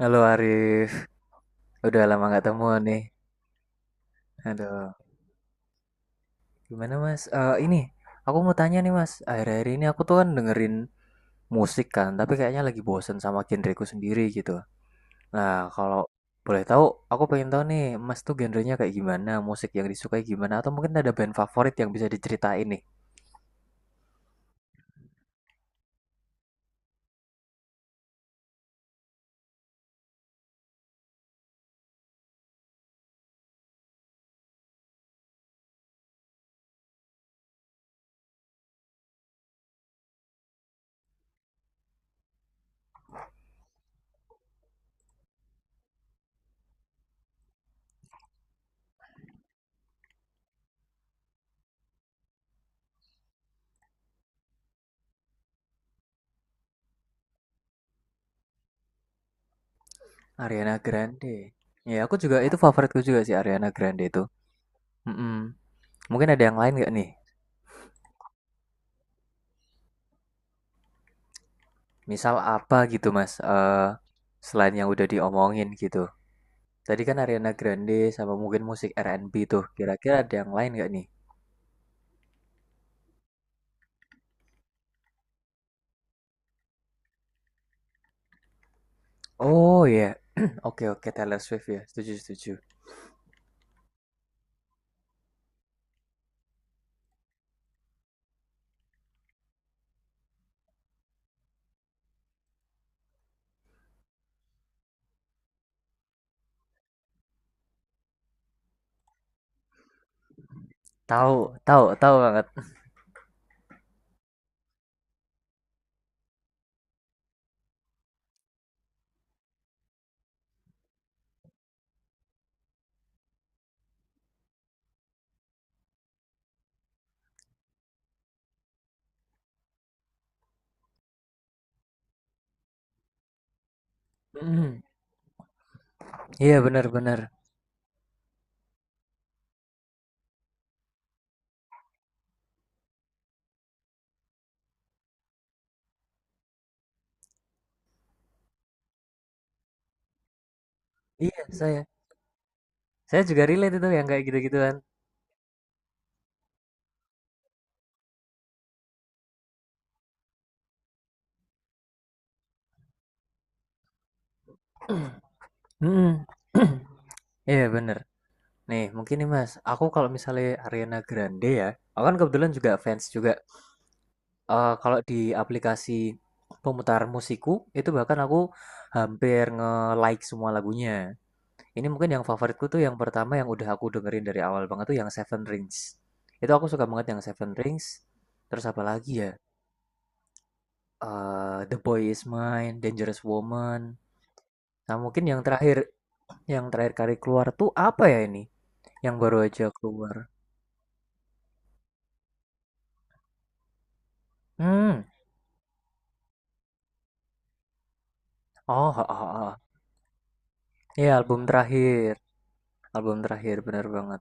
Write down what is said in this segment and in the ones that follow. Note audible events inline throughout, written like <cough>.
Halo Arif, udah lama nggak temu nih. Aduh, gimana Mas? Eh ini, aku mau tanya nih Mas. Akhir-akhir ini aku tuh kan dengerin musik kan, tapi kayaknya lagi bosen sama genreku sendiri gitu. Nah, kalau boleh tahu, aku pengen tahu nih, Mas tuh genrenya kayak gimana, musik yang disukai gimana, atau mungkin ada band favorit yang bisa diceritain nih. Ariana Grande. Ya, aku juga itu favoritku juga sih Ariana Grande itu. Mm-mm. Mungkin ada yang lain nggak nih? Misal apa gitu Mas? Selain yang udah diomongin gitu. Tadi kan Ariana Grande sama mungkin musik R&B tuh. Kira-kira ada yang lain nggak nih? Oh ya, <clears throat> oke oke Taylor Swift ya. Setuju setuju. Tahu tahu tahu banget. Mm, <clears throat> iya benar-benar. Iya saya juga relate itu yang kayak gitu-gituan. <clears throat> Mm. <clears throat> Iya bener. Nih mungkin nih mas, aku kalau misalnya Ariana Grande ya, aku kan kebetulan juga fans juga. Kalau di aplikasi pemutar musikku itu bahkan aku hampir nge-like semua lagunya. Ini mungkin yang favoritku tuh yang pertama yang udah aku dengerin dari awal banget tuh yang Seven Rings. Itu aku suka banget yang Seven Rings. Terus apa lagi ya? The Boy Is Mine, Dangerous Woman. Nah mungkin yang terakhir kali keluar tuh apa ya ini? Yang baru aja keluar. Hmm. Oh, oh. Oh. Ha. Iya, album terakhir. Album terakhir, bener banget.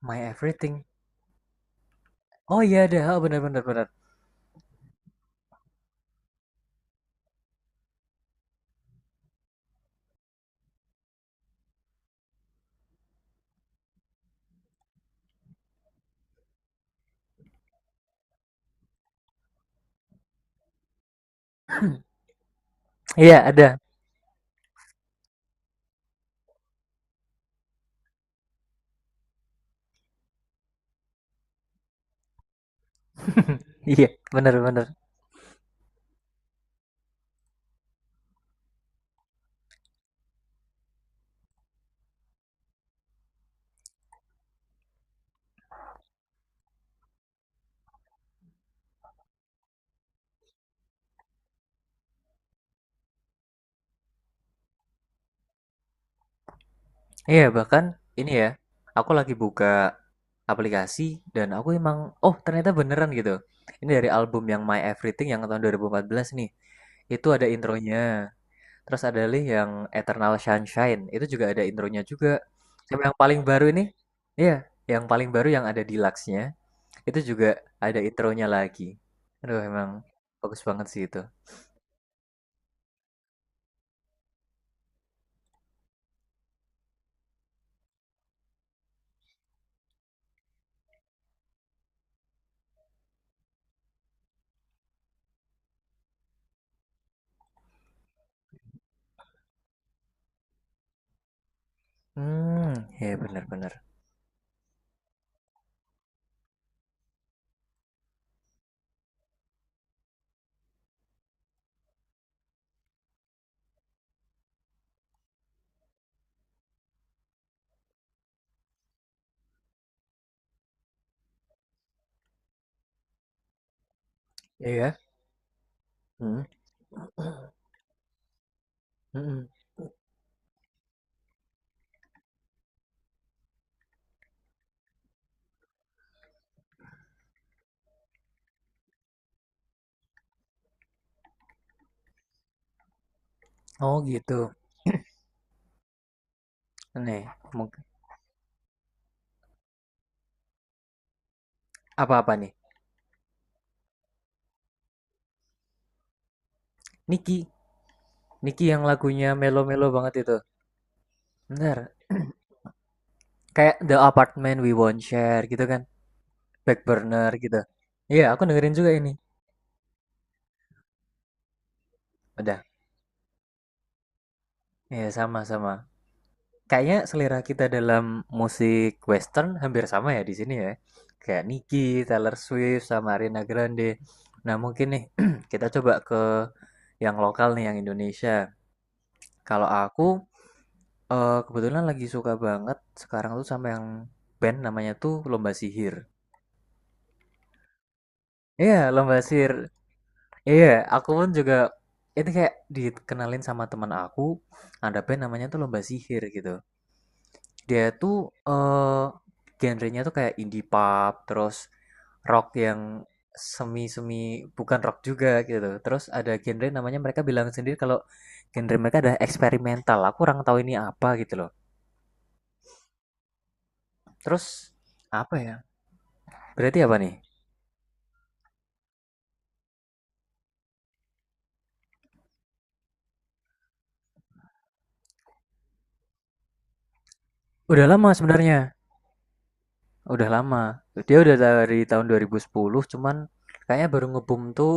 My Everything. Oh iya ada, oh bener bener. Bener, bener. Iya ada. Iya, bener-bener. Iya, bahkan ini ya, aku lagi buka aplikasi dan aku emang, oh ternyata beneran gitu. Ini dari album yang My Everything yang tahun 2014 nih. Itu ada intronya. Terus ada lih yang Eternal Sunshine, itu juga ada intronya juga. Sama yang paling baru ini, iya, yang paling baru yang ada deluxe-nya, itu juga ada intronya lagi. Aduh, emang bagus banget sih itu. Hmm, ya bener-bener. Iya. Hmm. Mm-mm. Oh gitu. Nih, mungkin apa-apa nih? Niki, Niki yang lagunya melo-melo banget itu. Bener, kayak The Apartment We Won't Share gitu kan, Back Burner gitu. Iya, aku dengerin juga ini. Udah, ya sama-sama. Kayaknya selera kita dalam musik western hampir sama ya di sini ya. Kayak Niki, Taylor Swift, sama Ariana Grande. Nah mungkin nih <clears throat> kita coba ke yang lokal nih, yang Indonesia. Kalau aku kebetulan lagi suka banget sekarang tuh sama yang band namanya tuh Lomba Sihir. Iya, Lomba Sihir. Iya, aku pun juga itu kayak dikenalin sama teman aku, ada band namanya tuh Lomba Sihir gitu. Dia tuh eh genrenya tuh kayak indie pop, terus rock yang semi-semi bukan rock juga gitu. Terus ada genre namanya mereka bilang sendiri kalau genre mereka ada eksperimental. Aku kurang tahu ini apa gitu loh. Terus apa ya? Berarti apa nih? Udah lama sebenarnya. Udah lama. Dia udah dari tahun 2010, cuman kayaknya baru ngebum tuh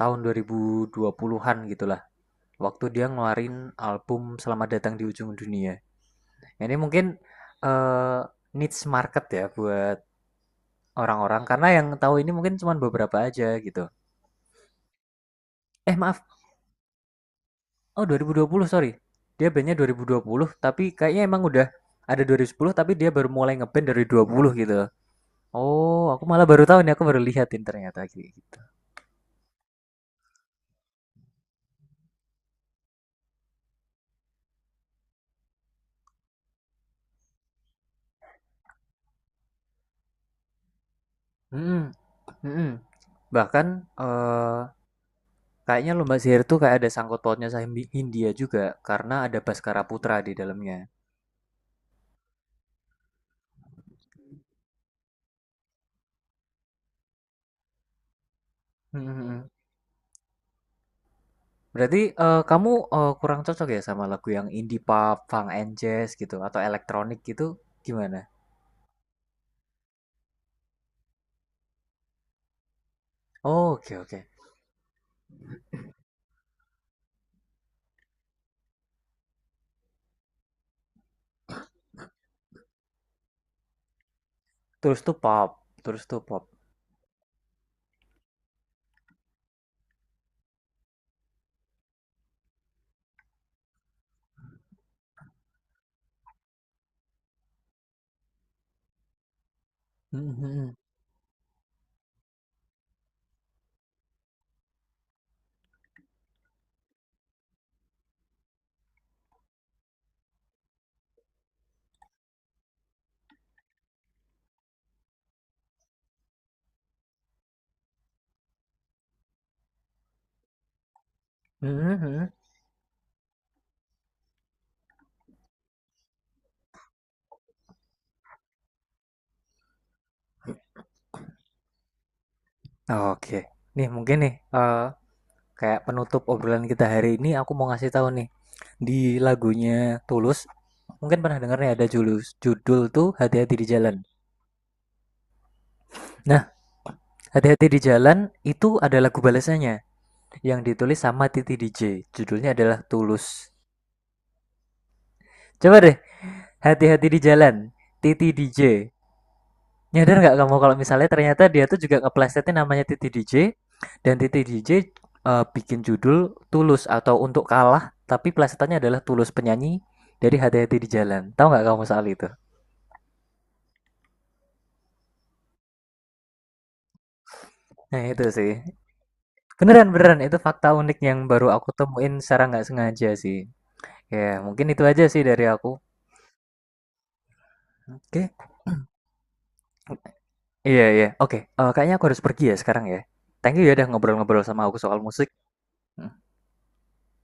tahun 2020-an gitulah. Waktu dia ngeluarin album Selamat Datang di Ujung Dunia. Ini mungkin eh, niche market ya buat orang-orang karena yang tahu ini mungkin cuman beberapa aja gitu. Eh maaf, oh 2020 sorry. Dia bandnya 2020 tapi kayaknya emang udah ada 2010 tapi dia baru mulai ngeband dari 20 gitu. Oh, aku malah baru tahu nih, aku baru lihatin ternyata gitu. Hmm, mhm. Bahkan, eee, kayaknya lomba sihir tuh kayak ada sangkut pautnya sama Hindia juga karena ada Baskara Putra di dalamnya. Mhm mhm. Berarti, kamu, kurang cocok ya sama lagu yang indie pop, funk and jazz gitu atau elektronik gitu gimana? Oh, oke oke. Terus tuh pop terus tuh pop. Mhm mhm. Mhm mhm. Oke. Nih mungkin nih, kayak penutup obrolan kita hari ini aku mau ngasih tahu nih. Di lagunya Tulus mungkin pernah dengarnya ada judul tuh hati-hati di jalan. Nah hati-hati di jalan itu ada lagu balasannya yang ditulis sama Titi DJ, judulnya adalah Tulus. Coba deh hati-hati di jalan Titi DJ. Nyadar nggak kamu kalau misalnya ternyata dia tuh juga keplesetnya namanya Titi DJ? Dan Titi DJ bikin judul Tulus atau Untuk Kalah tapi plesetannya adalah Tulus penyanyi dari hati-hati di jalan. Tahu nggak kamu soal itu? Nah itu sih. Beneran beneran itu fakta unik yang baru aku temuin secara nggak sengaja sih. Ya mungkin itu aja sih dari aku. Oke. Iya iya. Oke. Eh, kayaknya aku harus pergi ya sekarang ya. Thank you ya udah ngobrol-ngobrol sama aku soal musik. Hmm.